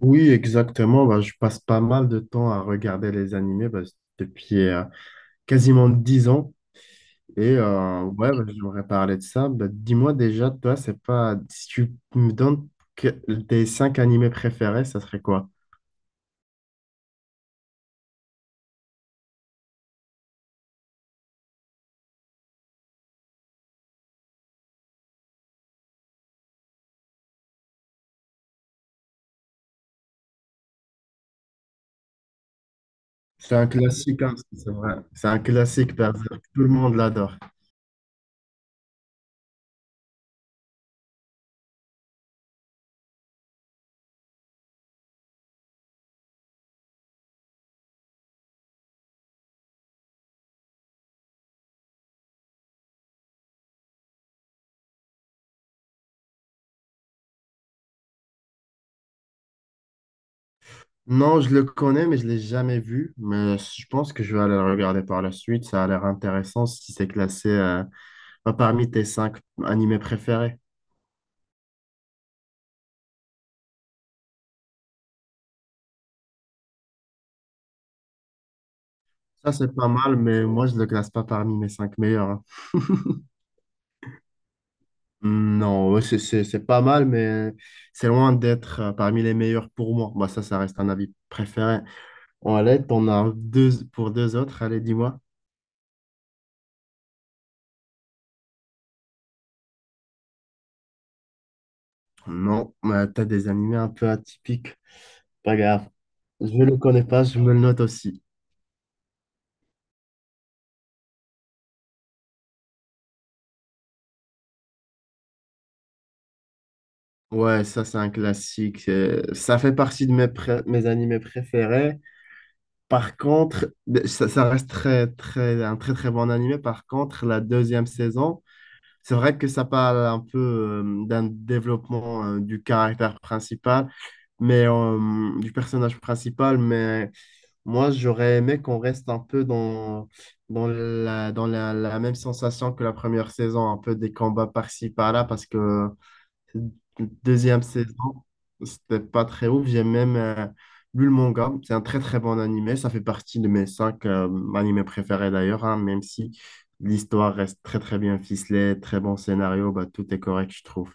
Oui, exactement. Bah, je passe pas mal de temps à regarder les animés bah, depuis quasiment 10 ans. Et ouais, bah, j'aimerais parler de ça. Bah, dis-moi déjà, toi, c'est pas. Si tu me donnes que- tes 5 animés préférés, ça serait quoi? C'est un classique, hein, c'est vrai. C'est un classique, Berserk. Tout le monde l'adore. Non, je le connais, mais je l'ai jamais vu. Mais je pense que je vais aller le regarder par la suite. Ça a l'air intéressant si c'est classé bah, parmi tes 5 animés préférés. Ça, c'est pas mal, mais moi, je le classe pas parmi mes 5 meilleurs, hein. Hmm. Non, ouais, c'est pas mal, mais c'est loin d'être parmi les meilleurs pour moi. Bah, ça reste un avis préféré. Bon, allez, t'en as deux pour deux autres. Allez, dis-moi. Non, mais t'as des animés un peu atypiques. Pas grave. Je le connais pas, je me le note aussi. Ouais, ça, c'est un classique. Ça fait partie de mes animés préférés. Par contre, ça reste très, très, un très, très bon animé. Par contre, la deuxième saison. C'est vrai que ça parle un peu d'un développement du caractère principal, mais du personnage principal, mais moi j'aurais aimé qu'on reste un peu dans la même sensation que la première saison, un peu des combats par-ci par-là, parce que Deuxième saison, c'était pas très ouf. J'ai même lu le manga. C'est un très très bon animé. Ça fait partie de mes cinq animés préférés d'ailleurs, hein, même si l'histoire reste très très bien ficelée, très bon scénario, bah, tout est correct, je trouve.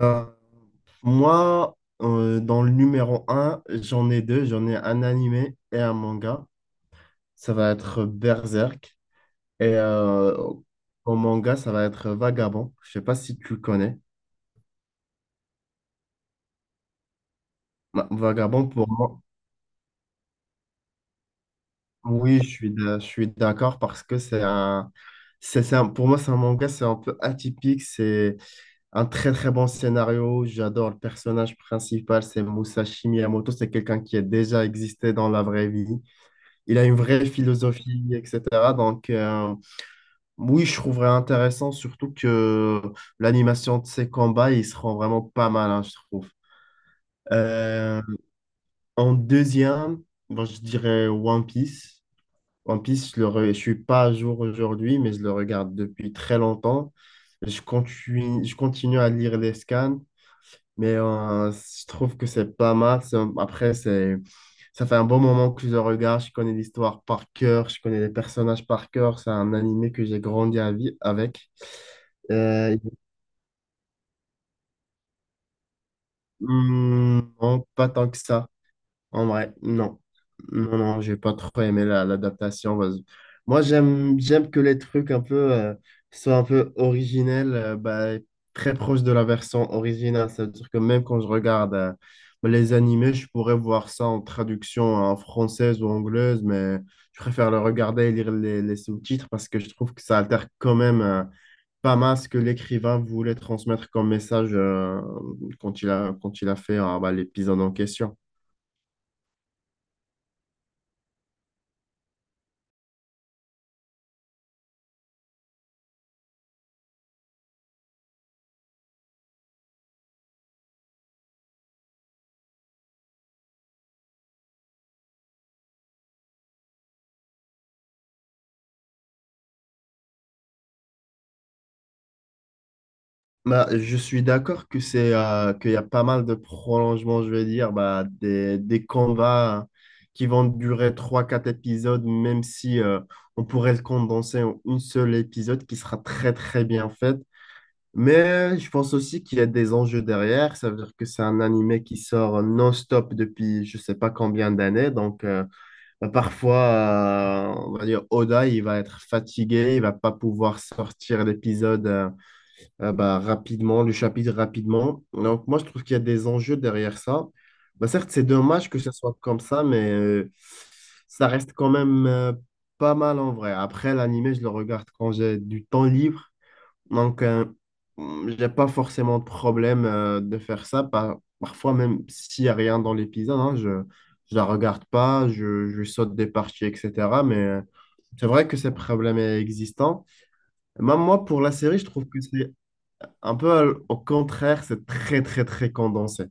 Euh, moi, dans le numéro un, j'en ai deux. J'en ai un animé et un manga. Ça va être Berserk. Et au manga, ça va être Vagabond. Je sais pas si tu le connais. Bah, Vagabond, pour moi. Oui, je suis d'accord parce que c'est un- pour moi, c'est un manga, c'est un peu atypique. C'est un très, très bon scénario. J'adore le personnage principal, c'est Musashi Miyamoto. C'est quelqu'un qui a déjà existé dans la vraie vie. Il a une vraie philosophie, etc. Donc, oui, je trouverais intéressant, surtout que l'animation de ses combats, ils seront vraiment pas mal, hein, je trouve. Euh, en deuxième, bon, je dirais One Piece. One Piece, je suis pas à jour aujourd'hui, mais je le regarde depuis très longtemps. Je continue à lire les scans, mais je trouve que c'est pas mal. Après, c'est, ça fait un bon moment que je le regarde. Je connais l'histoire par cœur, je connais les personnages par cœur. C'est un animé que j'ai grandi à vi- avec. Euh, non, pas tant que ça. En vrai, non. Non, non, j'ai pas trop aimé l'adaptation, moi, j'aime que les trucs un peu soient un peu originels, bah, très proches de la version originale. C'est-à-dire que même quand je regarde les animés, je pourrais voir ça en traduction en française ou anglaise, mais je préfère le regarder et lire les sous-titres parce que je trouve que ça altère quand même pas mal ce que l'écrivain voulait transmettre comme message quand il a fait bah, l'épisode en question. Bah, je suis d'accord que c'est qu'il y a pas mal de prolongements, je vais dire, bah, des combats qui vont durer trois quatre épisodes, même si on pourrait le condenser en une seule épisode qui sera très très bien fait. Mais je pense aussi qu'il y a des enjeux derrière. Ça veut dire que c'est un animé qui sort non-stop depuis je sais pas combien d'années. Donc bah, parfois, on va dire Oda, il va être fatigué, il va pas pouvoir sortir l'épisode. Bah, rapidement, le chapitre rapidement. Donc, moi, je trouve qu'il y a des enjeux derrière ça. Bah, certes, c'est dommage que ce soit comme ça, mais ça reste quand même pas mal en vrai. Après, l'animé, je le regarde quand j'ai du temps libre. Donc, j'ai pas forcément de problème de faire ça. Parfois, même s'il n'y a rien dans l'épisode, hein, je la regarde pas, je saute des parties, etc. Mais c'est vrai que ces problèmes existants. Même moi, pour la série, je trouve que c'est un peu au contraire, c'est très, très, très condensé.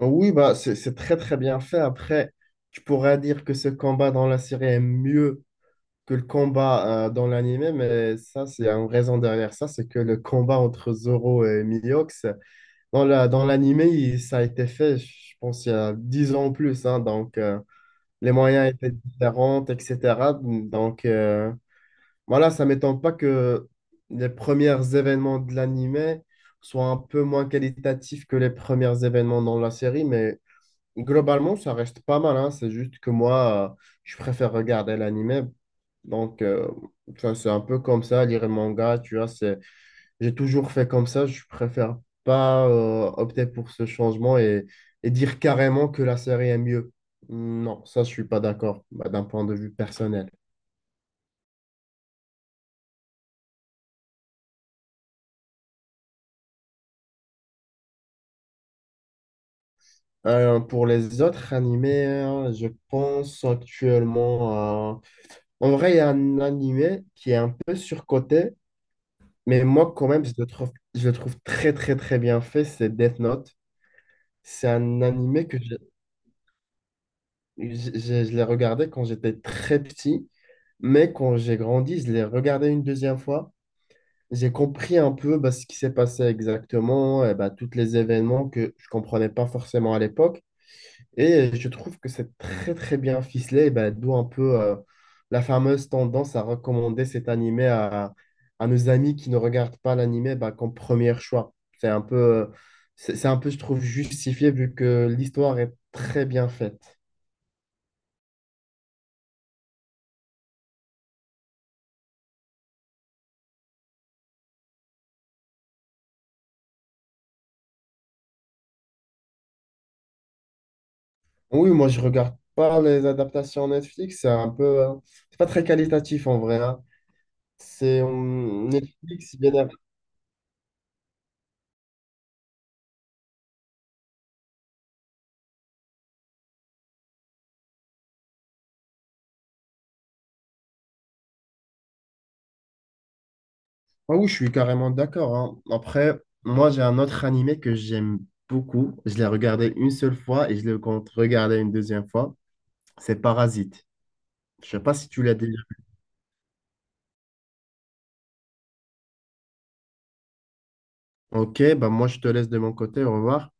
Oui, bah, c'est très, très bien fait. Après, tu pourrais dire que ce combat dans la série est mieux que le combat dans l'anime, mais ça, c'est une raison derrière ça, c'est que le combat entre Zoro et Miliox, dans l'anime, ça a été fait, je pense, il y a 10 ans en plus, hein. Donc, les moyens étaient différents, etc. Donc, voilà, ça m'étonne pas que les premiers événements de l'anime soient un peu moins qualitatifs que les premiers événements dans la série, mais globalement, ça reste pas mal, hein. C'est juste que moi, je préfère regarder l'anime. Donc, enfin, c'est un peu comme ça, lire les mangas, tu vois, c'est... j'ai toujours fait comme ça, je préfère pas opter pour ce changement et dire carrément que la série est mieux. Non, ça, je suis pas d'accord, bah, d'un point de vue personnel. Pour les autres animés, hein, je pense actuellement à... En vrai, il y a un animé qui est un peu surcoté, mais moi, quand même, je le trouve très, très, très bien fait, c'est Death Note. C'est un animé que je l'ai regardé quand j'étais très petit, mais quand j'ai grandi, je l'ai regardé une deuxième fois. J'ai compris un peu bah, ce qui s'est passé exactement, et bah, tous les événements que je comprenais pas forcément à l'époque. Et je trouve que c'est très très bien ficelé, et ben, d'où un peu la fameuse tendance à recommander cet animé à nos amis qui ne regardent pas l'animé ben, comme premier choix. C'est un peu, c'est un peu, je trouve, justifié vu que l'histoire est très bien faite. Oui, moi je regarde pas les adaptations Netflix, c'est un peu, c'est pas très qualitatif en vrai, hein. C'est, Netflix, bien Ah oui, je suis carrément d'accord, hein. Après, moi, j'ai un autre animé que j'aime beaucoup. Je l'ai regardé une seule fois et je le compte regarder une deuxième fois. C'est Parasite. Je sais pas si tu l'as déjà. Ok, bah moi, je te laisse de mon côté. Au revoir.